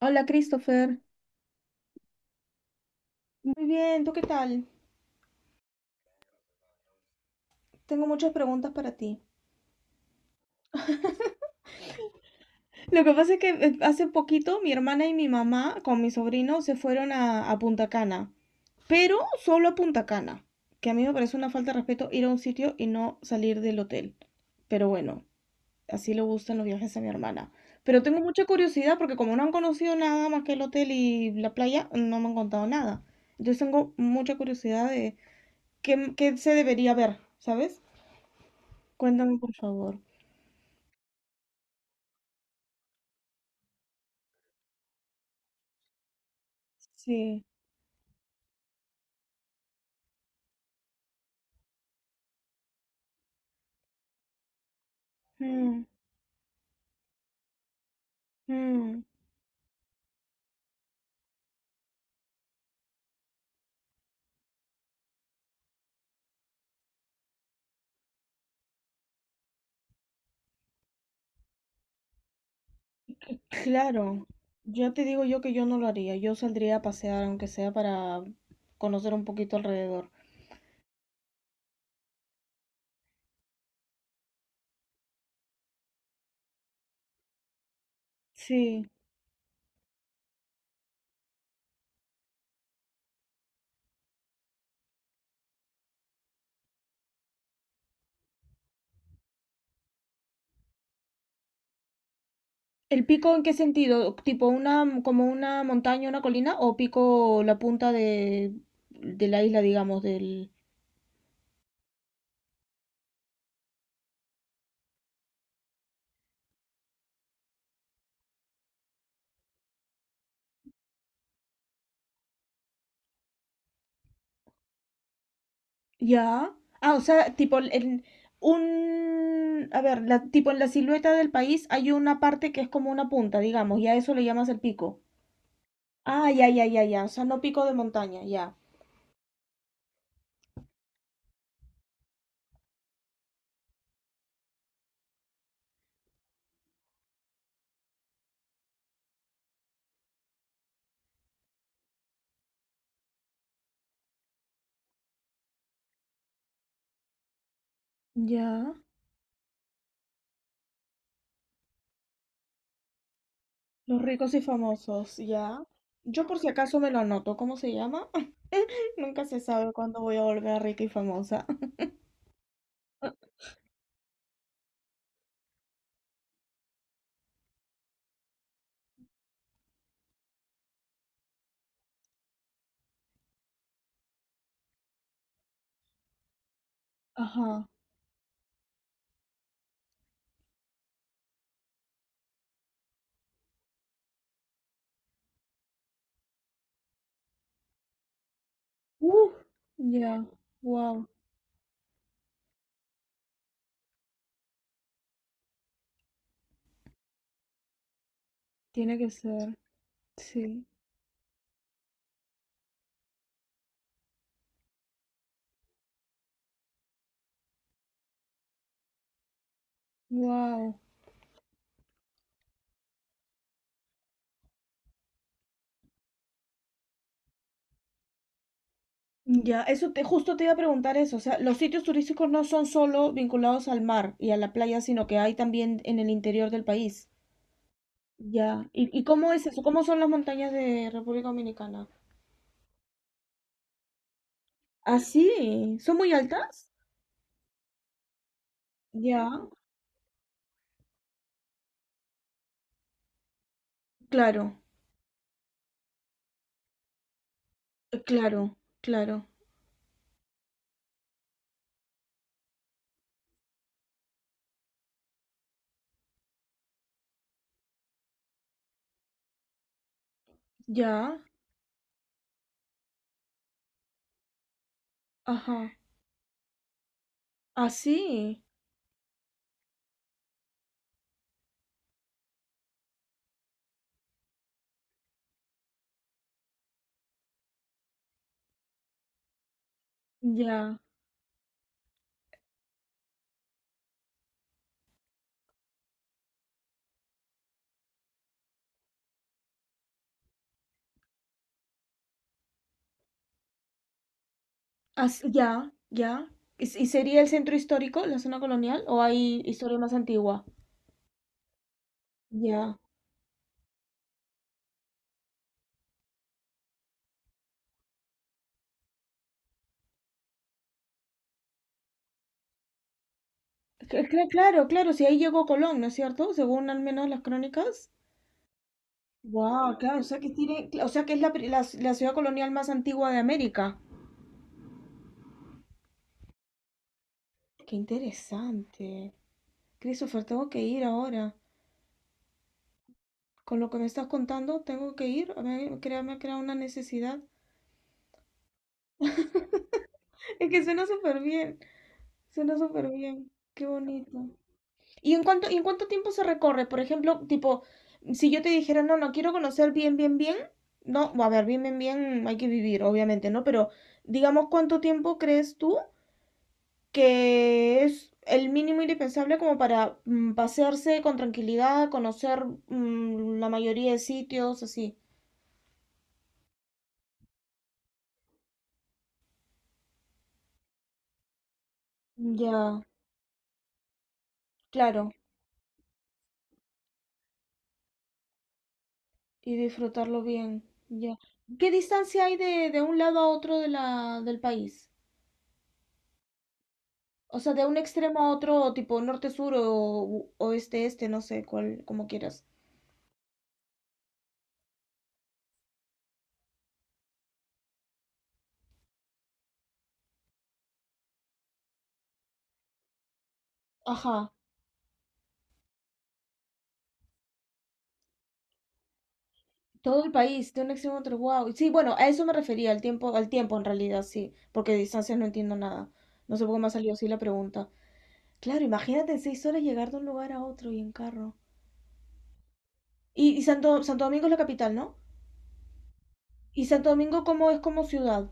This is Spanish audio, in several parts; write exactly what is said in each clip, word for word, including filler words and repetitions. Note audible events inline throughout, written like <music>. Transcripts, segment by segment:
Hola, Christopher. Muy bien, ¿tú qué tal? Tengo muchas preguntas para ti. Lo que pasa es que eh, hace poquito mi hermana y mi mamá con mi sobrino se fueron a, a Punta Cana, pero solo a Punta Cana, que a mí me parece una falta de respeto ir a un sitio y no salir del hotel. Pero bueno, así le gustan los viajes a mi hermana. Pero tengo mucha curiosidad porque como no han conocido nada más que el hotel y la playa, no me han contado nada. Entonces tengo mucha curiosidad de qué, qué se debería ver, ¿sabes? Cuéntame, por favor. Sí, mm, mm, claro. Yo te digo yo que yo no lo haría. Yo saldría a pasear, aunque sea para conocer un poquito alrededor. Sí. ¿El pico en qué sentido? ¿Tipo una, mm, como una montaña, una colina? ¿O pico la punta de, de la isla, digamos, del... Ya. Ah, o sea, tipo el, el- un... a ver, la, tipo en la silueta del país hay una parte que es como una punta, digamos, y a eso le llamas el pico. Ah, ya, ya, ya, ya. O sea, no pico de montaña, ya. Ya, los ricos y famosos, ya. Yo por si acaso me lo anoto, ¿cómo se llama? <laughs> Nunca se sabe cuándo voy a volver rica y famosa. Ajá. Uf, ya, wow, tiene que ser, sí, wow. Ya, eso te, justo te iba a preguntar eso, o sea, los sitios turísticos no son solo vinculados al mar y a la playa, sino que hay también en el interior del país. Ya, ¿y, y cómo es eso? ¿Cómo son las montañas de República Dominicana? Ah, sí, ¿son muy altas? Ya, claro. Claro, claro. Ya, ajá. Así, ya. As- ya, ya. ¿Y, s- y sería el centro histórico, la zona colonial, o hay historia más antigua? Ya. Cl- cl- claro, claro, si ahí llegó Colón, ¿no es cierto? Según al menos las crónicas. Wow, claro, o sea que tiene, o sea que es la, pri- la la ciudad colonial más antigua de América. Qué interesante. Christopher, tengo que ir ahora. Con lo que me estás contando, tengo que ir. A ver, crea- me ha creado una necesidad. <laughs> Es que suena súper bien. Suena súper bien, qué bonito. ¿Y en cuánto, y en cuánto tiempo se recorre? Por ejemplo, tipo, si yo te dijera, no, no, quiero conocer bien, bien, bien, no, a ver, bien, bien, bien, hay que vivir, obviamente, ¿no? Pero digamos, ¿cuánto tiempo crees tú que es el mínimo indispensable como para mm, pasearse con tranquilidad, conocer mm, la mayoría de sitios, así? Ya, claro, y disfrutarlo bien, ya. ¿Qué distancia hay de, de un lado a otro de la, del país? O sea, de un extremo a otro, tipo norte-sur o oeste-este, no sé cuál, como quieras. Ajá, todo el país, de un extremo a otro, wow. Sí, bueno, a eso me refería, al tiempo, al tiempo en realidad, sí, porque de distancias no entiendo nada. No sé por qué me ha salido así la pregunta. Claro, imagínate en seis horas llegar de un lugar a otro y en carro. Y, y Santo, Santo Domingo es la capital, ¿no? ¿Y Santo Domingo cómo es como ciudad?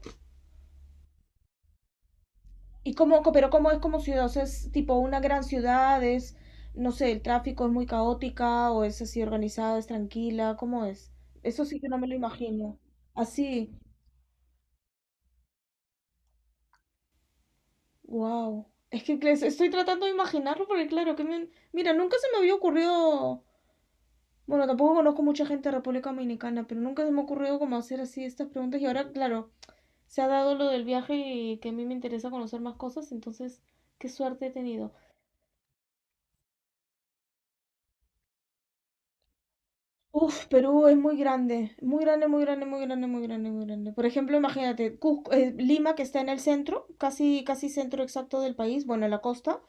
¿Y cómo, pero cómo es como ciudad? O sea, es tipo una gran ciudad, es, no sé, el tráfico es muy caótica o es así organizada, es tranquila, ¿cómo es? Eso sí que no me lo imagino. Así, wow. Es que claro, estoy tratando de imaginarlo porque claro, que me- mira, nunca se me había ocurrido, bueno, tampoco conozco mucha gente de República Dominicana, pero nunca se me ha ocurrido como hacer así estas preguntas y ahora, claro, se ha dado lo del viaje y que a mí me interesa conocer más cosas, entonces, qué suerte he tenido. Uf, Perú es muy grande, muy grande, muy grande, muy grande, muy grande, muy grande. Por ejemplo, imagínate, Cusco- eh, Lima que está en el centro, casi, casi centro exacto del país, bueno, en la costa,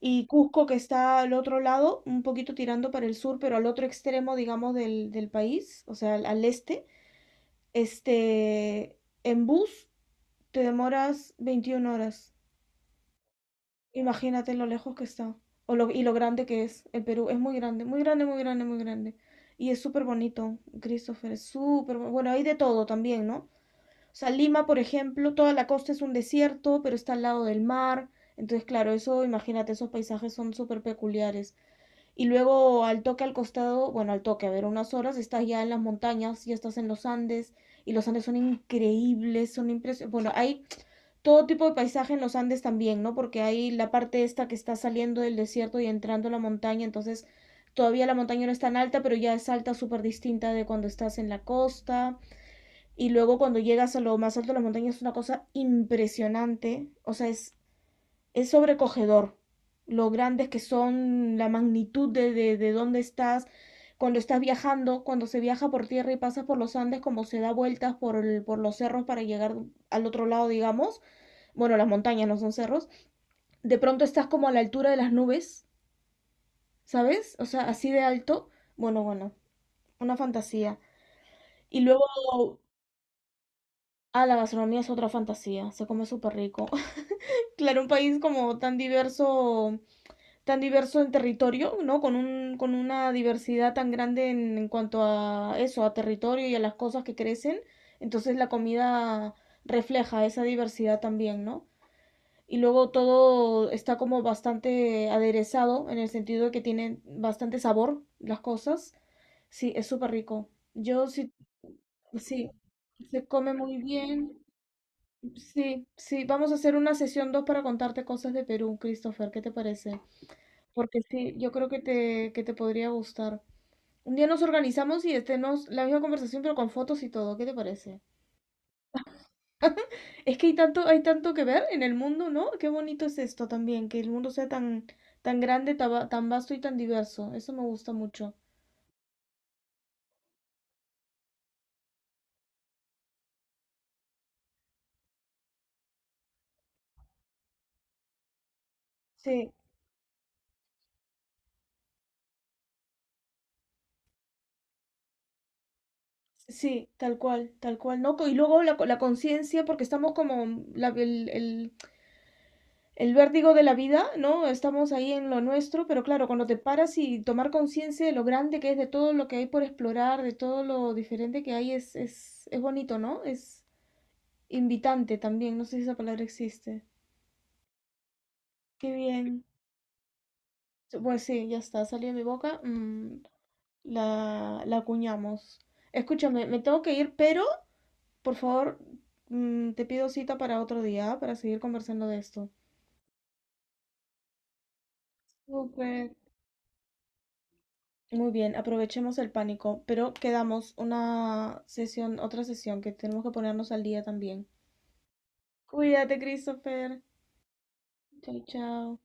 y Cusco que está al otro lado, un poquito tirando para el sur, pero al otro extremo, digamos, del, del país, o sea, al, al este. Este, en bus te demoras veintiún horas. Imagínate lo lejos que está o lo, y lo grande que es el Perú. Es muy grande, muy grande, muy grande, muy grande. Y es súper bonito, Christopher, es súper bu- bueno. Hay de todo también, ¿no? O sea, Lima, por ejemplo, toda la costa es un desierto, pero está al lado del mar. Entonces, claro, eso, imagínate, esos paisajes son súper peculiares. Y luego al toque al costado, bueno, al toque, a ver, unas horas, estás ya en las montañas, ya estás en los Andes, y los Andes son increíbles, son impresionantes. Bueno, hay todo tipo de paisaje en los Andes también, ¿no? Porque hay la parte esta que está saliendo del desierto y entrando a la montaña, entonces todavía la montaña no es tan alta, pero ya es alta, súper distinta de cuando estás en la costa. Y luego cuando llegas a lo más alto de la montaña es una cosa impresionante, o sea, es, es sobrecogedor lo grandes que son, la magnitud de, de, de dónde estás. Cuando estás viajando, cuando se viaja por tierra y pasas por los Andes, como se da vueltas por, el- por los cerros para llegar al otro lado, digamos, bueno, las montañas no son cerros, de pronto estás como a la altura de las nubes, ¿sabes? O sea, así de alto. Bueno, bueno, una fantasía. Y luego, ah, la gastronomía es otra fantasía, se come súper rico. <laughs> Claro, un país como tan diverso, tan diverso en territorio, ¿no? Con un, con una diversidad tan grande en, en cuanto a eso, a territorio y a las cosas que crecen. Entonces la comida refleja esa diversidad también, ¿no? Y luego todo está como bastante aderezado en el sentido de que tiene bastante sabor las cosas. Sí, es súper rico. Yo sí, sí, se come muy bien. Sí, sí, vamos a hacer una sesión dos para contarte cosas de Perú, Christopher, ¿qué te parece? Porque sí, yo creo que te, que te podría gustar. Un día nos organizamos y tenemos la misma conversación pero con fotos y todo, ¿qué te parece? Es que hay tanto, hay tanto que ver en el mundo, ¿no? Qué bonito es esto también, que el mundo sea tan, tan grande, taba- tan vasto y tan diverso. Eso me gusta mucho. Sí, sí, tal cual, tal cual, ¿no? Co- Y luego la, co- la conciencia, porque estamos como la- el, el, el vértigo de la vida, ¿no? Estamos ahí en lo nuestro, pero claro, cuando te paras y tomar conciencia de lo grande que es, de todo lo que hay por explorar, de todo lo diferente que hay, es, es, es bonito, ¿no? Es invitante también, no sé si esa palabra existe. Qué bien. Pues sí, ya está, salió de mi boca. mm, la, la acuñamos. Escúchame, me tengo que ir, pero por favor, mm, te pido cita para otro día, ¿ah? Para seguir conversando de esto. Súper. Muy bien, aprovechemos el pánico, pero quedamos una sesión, otra sesión que tenemos que ponernos al día también. Cuídate, Christopher. Chao, chao.